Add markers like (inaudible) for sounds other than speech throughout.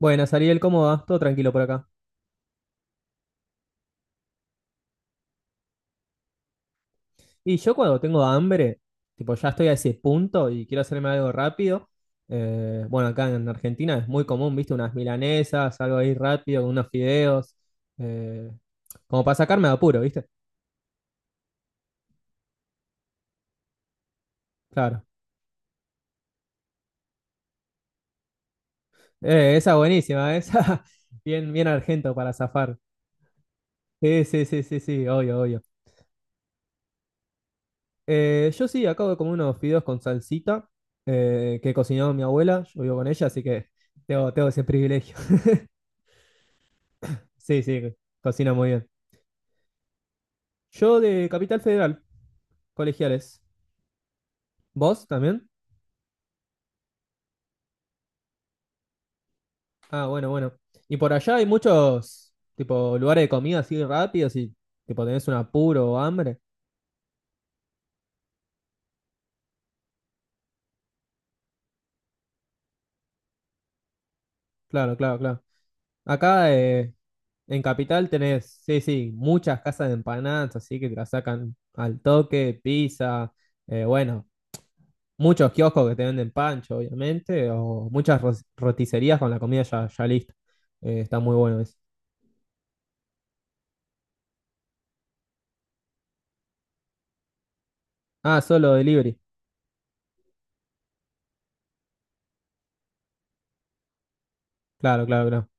Buenas, Ariel, ¿cómo va? Todo tranquilo por acá. Y yo cuando tengo hambre, tipo ya estoy a ese punto y quiero hacerme algo rápido, bueno, acá en Argentina es muy común, viste, unas milanesas, algo ahí rápido, con unos fideos, eh, como para sacarme de apuro, viste. Claro. Esa buenísima, esa (laughs) bien, bien argento para zafar. Sí, sí, sí, sí, sí, obvio, obvio. Yo sí, acabo de comer unos fideos con salsita que cocinó mi abuela, yo vivo con ella, así que tengo ese privilegio. (laughs) Sí, sí, cocina muy bien. Yo de Capital Federal, colegiales. ¿Vos también? Ah, bueno, bueno. Y por allá hay muchos, tipo, lugares de comida así rápidos y, tipo, tenés un apuro o hambre. Claro, claro, claro. Acá en Capital tenés, sí, sí, muchas casas de empanadas, así que te las sacan al toque, pizza, bueno, muchos kioscos que te venden pancho, obviamente, o muchas roticerías con la comida ya, ya lista. Está muy bueno eso. Ah, solo delivery. Claro, claro, claro.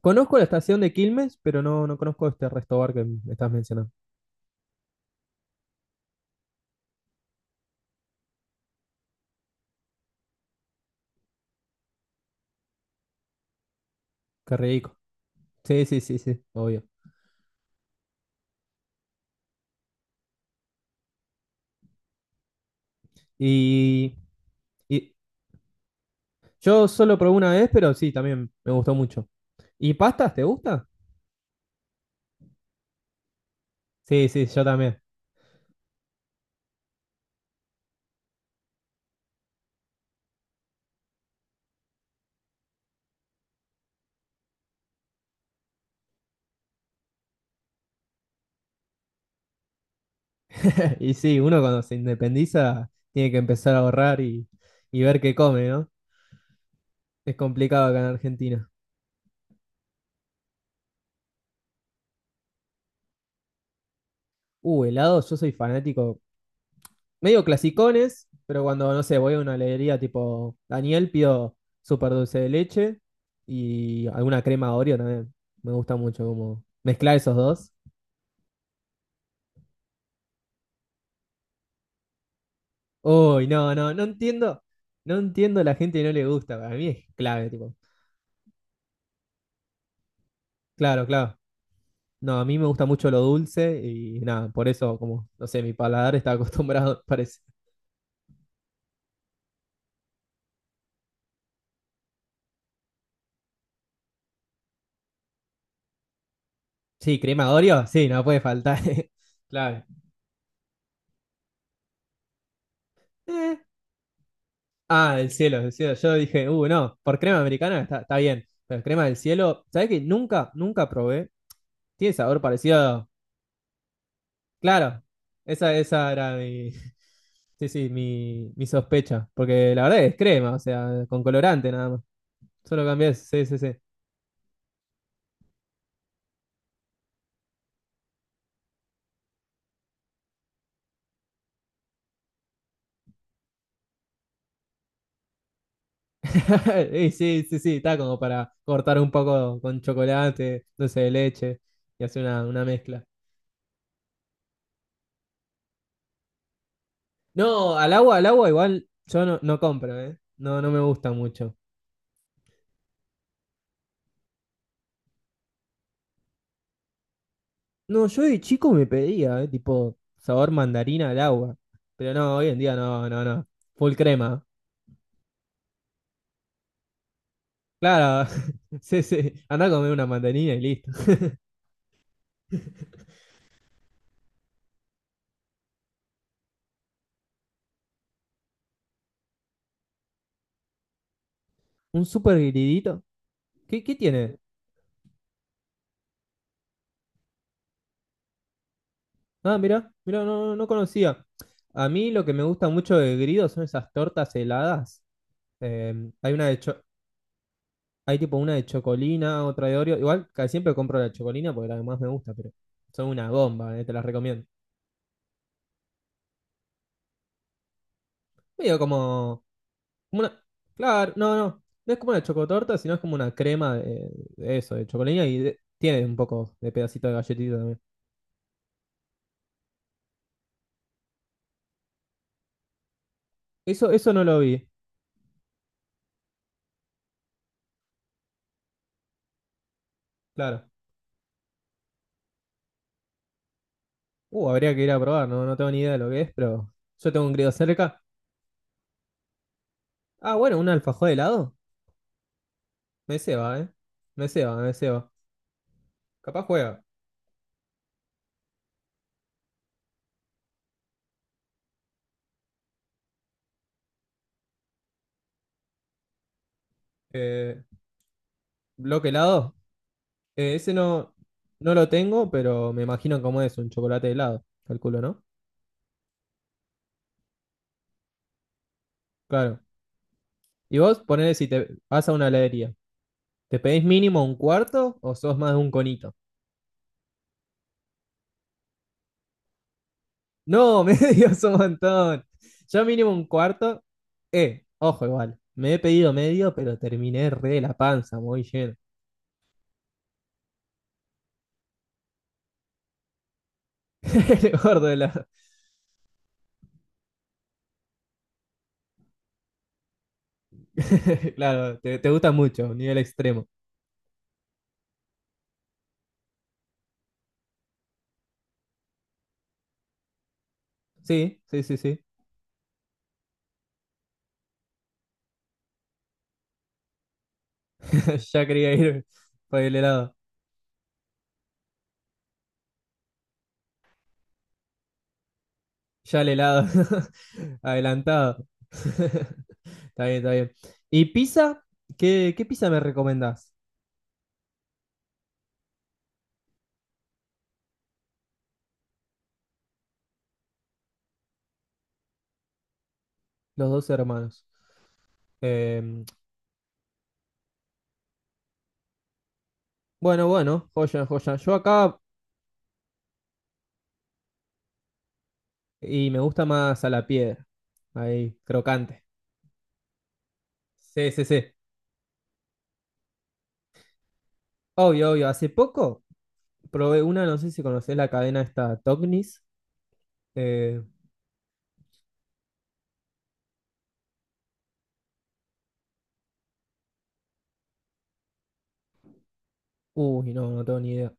Conozco la estación de Quilmes, pero no, no conozco este resto bar que me estás mencionando. Qué rico. Sí, sí, sí, sí, obvio. Y, y yo solo probé una vez, pero sí, también me gustó mucho. ¿Y pastas, te gusta? Sí, sí, yo también. (laughs) Y sí, uno cuando se independiza tiene que empezar a ahorrar y ver qué come, ¿no? Es complicado acá en Argentina. Helado, yo soy fanático. Medio clasicones, pero cuando, no sé, voy a una heladería tipo Daniel, pido súper dulce de leche y alguna crema Oreo también. Me gusta mucho como mezclar esos dos. Uy, no, no, no entiendo. No entiendo a la gente que no le gusta. Para mí es clave, tipo. Claro, claro. No, a mí me gusta mucho lo dulce y nada, por eso, como, no sé, mi paladar está acostumbrado, (laughs) parece. Sí, crema Oreo, sí, no puede faltar. (laughs) Claro. Eh, Ah, el cielo, el cielo. Yo dije, no, por crema americana está, está bien, pero crema del cielo, ¿sabés que nunca, nunca probé? Tiene sabor parecido. Claro, esa era mi, (laughs) sí, sí, mi sospecha, porque la verdad es crema, o sea, con colorante nada más. Solo cambié, sí, sí, sí. (laughs) Y sí, sí, sí, está como para cortar un poco con chocolate, dulce de leche y hacer una mezcla. No, al agua igual yo no, no compro, ¿eh? No, no me gusta mucho. No, yo de chico me pedía, tipo sabor mandarina al agua. Pero no, hoy en día no, no, no. Full crema. Claro, (laughs) sí, sí. Andá a comer una mandarina y listo. Un super gridito. ¿Qué, qué tiene? Ah, mirá, mirá, no, no no conocía. A mí lo que me gusta mucho de grido son esas tortas heladas. Eh, hay una de cho- Hay tipo una de chocolina, otra de Oreo. Igual casi siempre compro la chocolina porque la que más me gusta, pero son una bomba, te las recomiendo. Medio como como una, claro, no, no, no es como una chocotorta, sino es como una crema de eso, de chocolina y tiene un poco de pedacito de galletita también. Eso no lo vi, claro. Habría que ir a probar, no, no tengo ni idea de lo que es, pero yo tengo un griego cerca. Ah, bueno, un alfajor de helado. Me ceba, eh. Me ceba, me ceba. Capaz juega. Eh, bloque helado. Ese no, no lo tengo, pero me imagino cómo es un chocolate helado, calculo, ¿no? Claro. Y vos ponele si te vas a una heladería. ¿Te pedís mínimo un cuarto o sos más de un conito? No, (laughs) medio es un montón. Yo mínimo un cuarto. Ojo igual. Me he pedido medio, pero terminé re de la panza, muy lleno. (laughs) El gordo de la... (laughs) Claro, te gusta mucho, nivel extremo. Sí, sí, sí, sí. (laughs) Ya quería ir por el helado. Ya el helado. (laughs) Adelantado. (laughs) Está bien, está bien. ¿Y pizza? ¿Qué, qué pizza me recomendás? Los dos hermanos. Em, Bueno, bueno, joya, joya. Yo acá y me gusta más a la piedra. Ahí, crocante. Sí, sí, sí. Obvio, obvio. Hace poco probé una, no sé si conocés la cadena esta Tognis. Eh, uy, no, no tengo ni idea.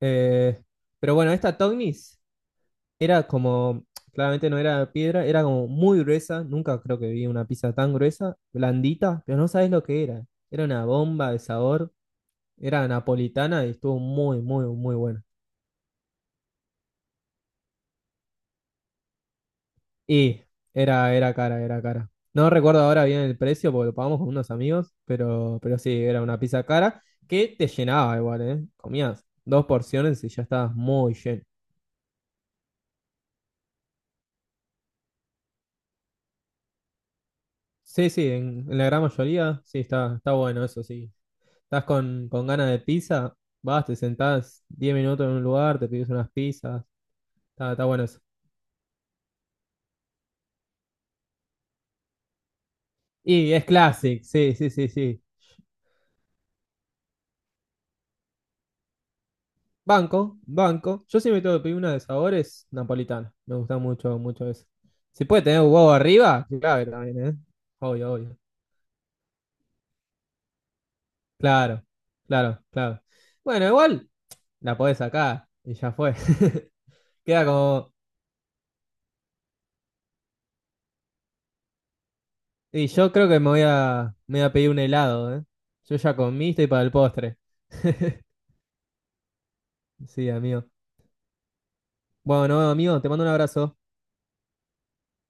Eh, pero bueno, esta Tognis era como, claramente no era piedra, era como muy gruesa. Nunca creo que vi una pizza tan gruesa, blandita, pero no sabés lo que era. Era una bomba de sabor. Era napolitana y estuvo muy, muy, muy buena. Y era cara, era cara. No recuerdo ahora bien el precio porque lo pagamos con unos amigos, pero sí, era una pizza cara que te llenaba igual, ¿eh? Comías dos porciones y ya estabas muy lleno. Sí, sí, en la gran mayoría, sí, está, está bueno eso, sí. Estás con ganas de pizza, vas, te sentás 10 minutos en un lugar, te pides unas pizzas, está, está bueno eso. Y es classic, sí, sí, sí, sí. Banco, banco. Yo siempre tengo que pedir una de sabores napolitana. Me gusta mucho, mucho eso. Si puede tener huevo arriba, clave también, ¿eh? Obvio, obvio. Claro, claro, claro. Bueno, igual la podés sacar y ya fue. (laughs) Queda como. Y yo creo que me voy a pedir un helado, ¿eh? Yo ya comí, estoy para el postre. (laughs) Sí, amigo. Bueno, amigo, te mando un abrazo.